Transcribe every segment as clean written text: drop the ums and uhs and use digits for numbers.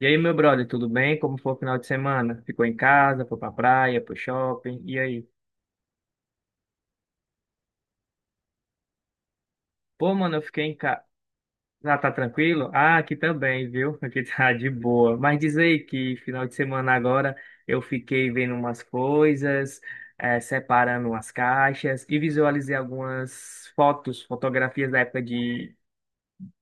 E aí, meu brother, tudo bem? Como foi o final de semana? Ficou em casa, foi pra praia, pro shopping, e aí? Pô, mano, eu fiquei em casa. Ah, tá tranquilo? Ah, aqui também, viu? Aqui tá de boa. Mas diz aí que final de semana agora eu fiquei vendo umas coisas, separando umas caixas e visualizei algumas fotos, fotografias da época de,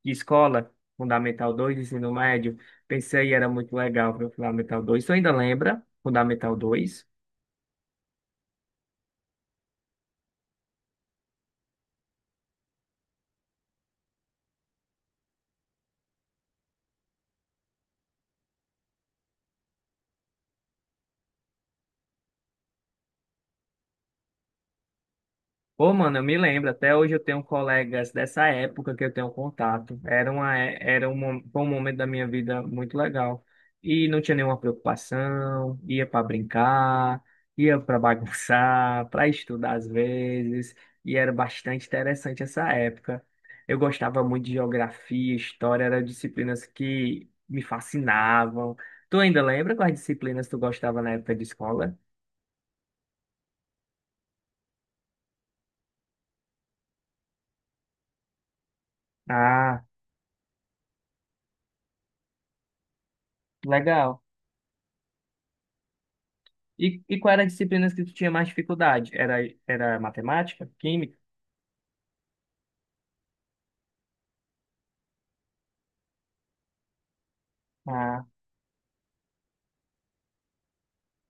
de escola, Fundamental 2, ensino médio. Pensei, era muito legal ver o Fundamental 2. Tu ainda lembra? Fundamental 2? Pô, mano, eu me lembro, até hoje eu tenho colegas dessa época que eu tenho contato. Era uma, é- era um, mo- foi um momento da minha vida muito legal. E não tinha nenhuma preocupação, ia para brincar, ia para bagunçar, para estudar às vezes, e era bastante interessante essa época. Eu gostava muito de geografia, história, eram disciplinas que me fascinavam. Tu ainda lembra quais disciplinas tu gostava na época de escola? Ah, legal. E qual era a disciplina que tu tinha mais dificuldade? Era matemática, química? Ah,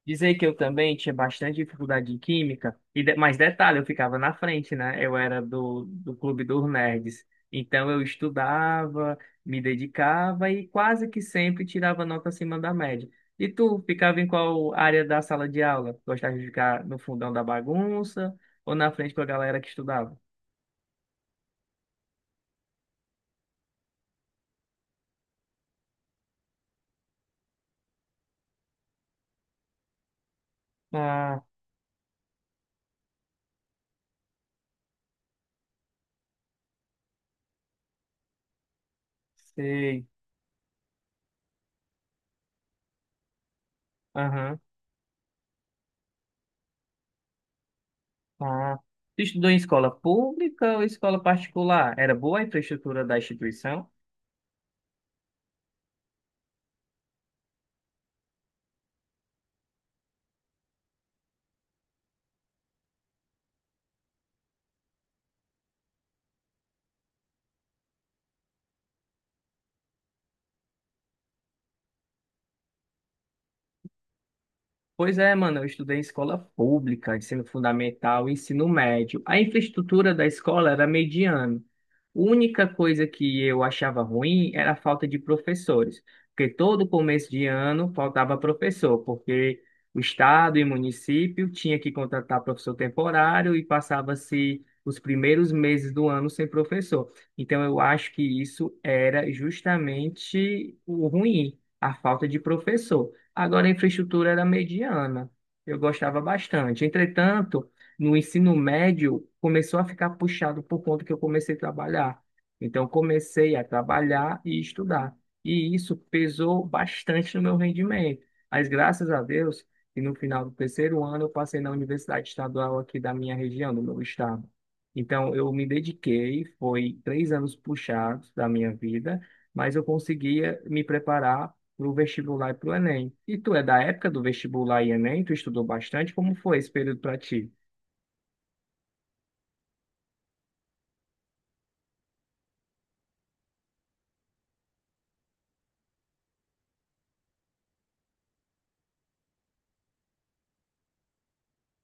dizer que eu também tinha bastante dificuldade em química, mas detalhe, eu ficava na frente, né? Eu era do clube dos nerds. Então eu estudava, me dedicava e quase que sempre tirava nota acima da média. E tu ficava em qual área da sala de aula? Gostava de ficar no fundão da bagunça ou na frente com a galera que estudava? Ah, sei. Aham. Ah, tu estudou em escola pública ou escola particular? Era boa a infraestrutura da instituição? Pois é, mano, eu estudei em escola pública, ensino fundamental, ensino médio. A infraestrutura da escola era mediana. A única coisa que eu achava ruim era a falta de professores, porque todo começo de ano faltava professor, porque o estado e município tinha que contratar professor temporário e passava-se os primeiros meses do ano sem professor. Então eu acho que isso era justamente o ruim, a falta de professor. Agora, a infraestrutura era mediana. Eu gostava bastante. Entretanto, no ensino médio, começou a ficar puxado por conta que eu comecei a trabalhar. Então, eu comecei a trabalhar e estudar. E isso pesou bastante no meu rendimento. Mas, graças a Deus, que no final do terceiro ano, eu passei na Universidade Estadual aqui da minha região, do meu estado. Então, eu me dediquei, foi 3 anos puxados da minha vida, mas eu conseguia me preparar pro vestibular e pro Enem. E tu é da época do vestibular e Enem? Tu estudou bastante? Como foi esse período para ti?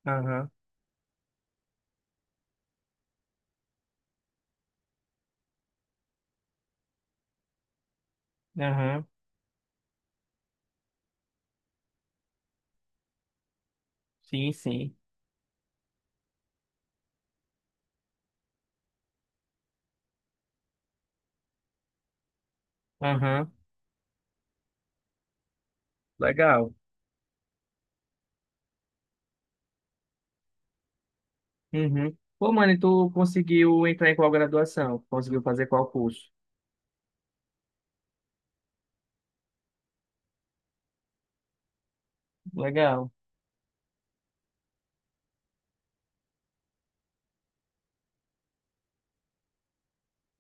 Aham, aham, sim, sim. Aham, legal. Uhum. Pô, mano, e tu conseguiu entrar em qual graduação? Conseguiu fazer qual curso? Legal.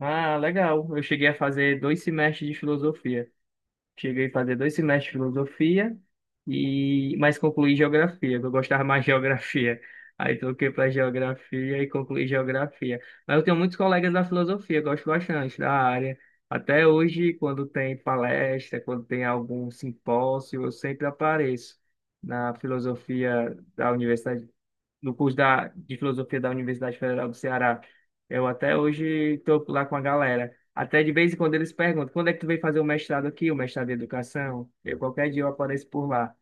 Ah, legal. Eu cheguei a fazer 2 semestres de filosofia. Cheguei a fazer dois semestres de filosofia e mas concluí geografia, que eu gostava mais de geografia. Aí troquei para geografia e concluí geografia. Mas eu tenho muitos colegas da filosofia, gosto bastante da área. Até hoje, quando tem palestra, quando tem algum simpósio, eu sempre apareço na filosofia da Universidade no curso de filosofia da Universidade Federal do Ceará. Eu até hoje tô lá com a galera. Até de vez em quando eles perguntam, quando é que tu veio fazer o mestrado aqui, o mestrado em educação? Eu, qualquer dia eu apareço por lá,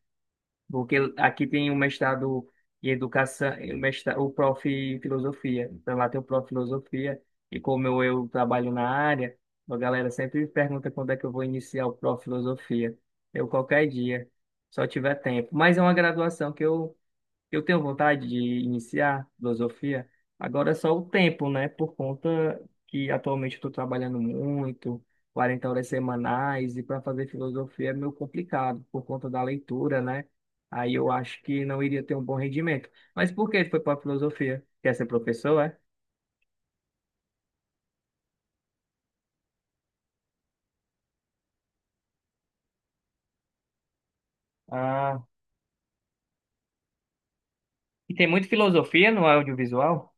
porque aqui tem o mestrado em educação, o prof. em filosofia. Então lá tem o prof. em filosofia, e como eu trabalho na área, a galera sempre me pergunta quando é que eu vou iniciar o prof. em filosofia. Eu, qualquer dia, só tiver tempo. Mas é uma graduação que eu tenho vontade de iniciar filosofia, agora é só o tempo, né? Por conta que atualmente eu estou trabalhando muito, 40 horas semanais, e para fazer filosofia é meio complicado, por conta da leitura, né? Aí eu acho que não iria ter um bom rendimento. Mas por que tu foi para filosofia? Quer ser professor, é? Ah, e tem muito filosofia no audiovisual?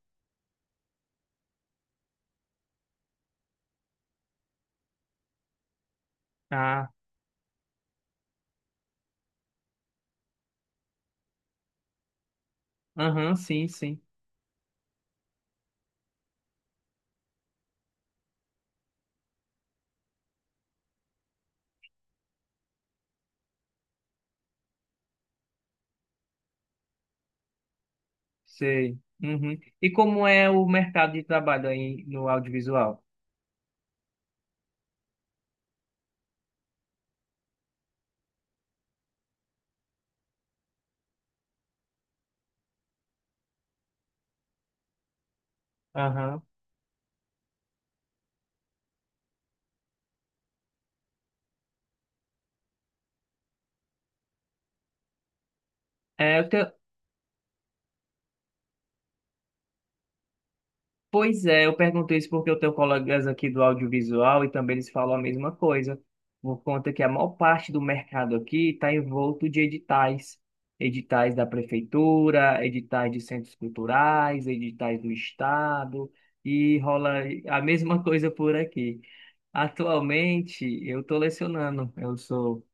Ah, aham, sim, sim, sei. Uhum. E como é o mercado de trabalho aí no audiovisual? Aham. É. Pois é, eu perguntei isso porque eu tenho colegas aqui do audiovisual e também eles falam a mesma coisa, por conta que a maior parte do mercado aqui está envolto de editais, editais da prefeitura, editais de centros culturais, editais do estado, e rola a mesma coisa por aqui. Atualmente, eu estou lecionando, eu sou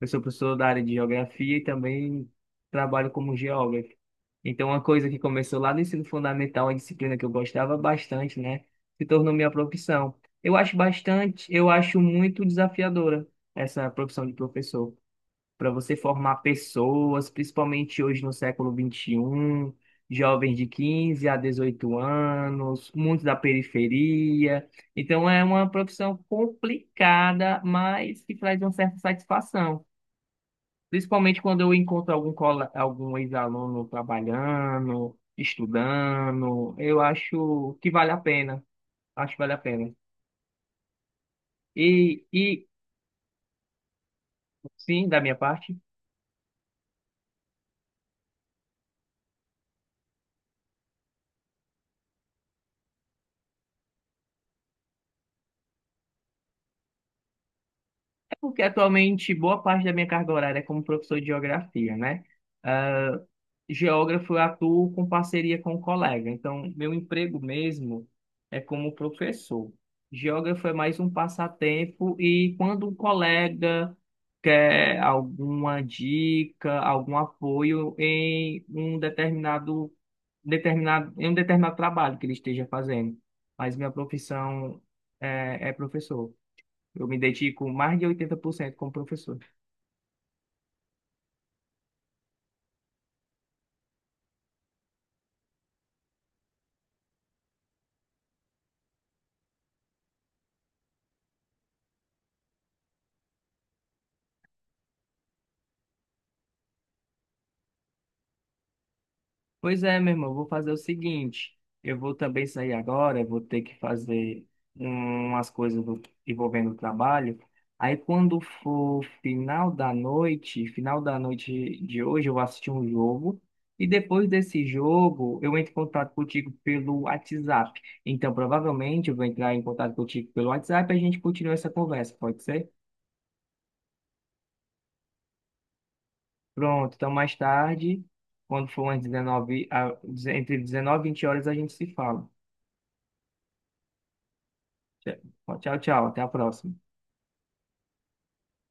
eu sou professor da área de geografia e também trabalho como geógrafo. Então, uma coisa que começou lá no ensino fundamental, uma disciplina que eu gostava bastante, né, se tornou minha profissão. Eu acho bastante, eu acho muito desafiadora essa profissão de professor, para você formar pessoas, principalmente hoje no século 21, jovens de 15 a 18 anos, muitos da periferia. Então, é uma profissão complicada, mas que traz uma certa satisfação. Principalmente quando eu encontro algum ex-aluno trabalhando, estudando, eu acho que vale a pena. Acho que vale a pena. E sim, da minha parte, é porque atualmente boa parte da minha carga horária é como professor de geografia, né? Geógrafo, eu atuo com parceria com um colega. Então, meu emprego mesmo é como professor. Geógrafo é mais um passatempo e quando um colega quer alguma dica, algum apoio em um determinado, determinado, em um determinado trabalho que ele esteja fazendo. Mas minha profissão é professor. Eu me dedico mais de 80% como professor. Pois é, meu irmão, eu vou fazer o seguinte, eu vou também sair agora, eu vou ter que fazer um, umas coisas envolvendo o trabalho. Aí quando for final da noite de hoje, eu vou assistir um jogo e depois desse jogo eu entro em contato contigo pelo WhatsApp. Então provavelmente eu vou entrar em contato contigo pelo WhatsApp e a gente continua essa conversa, pode ser? Pronto, então mais tarde, quando for umas dezenove, entre 19 e 20 horas a gente se fala. Tchau, tchau. Até a próxima.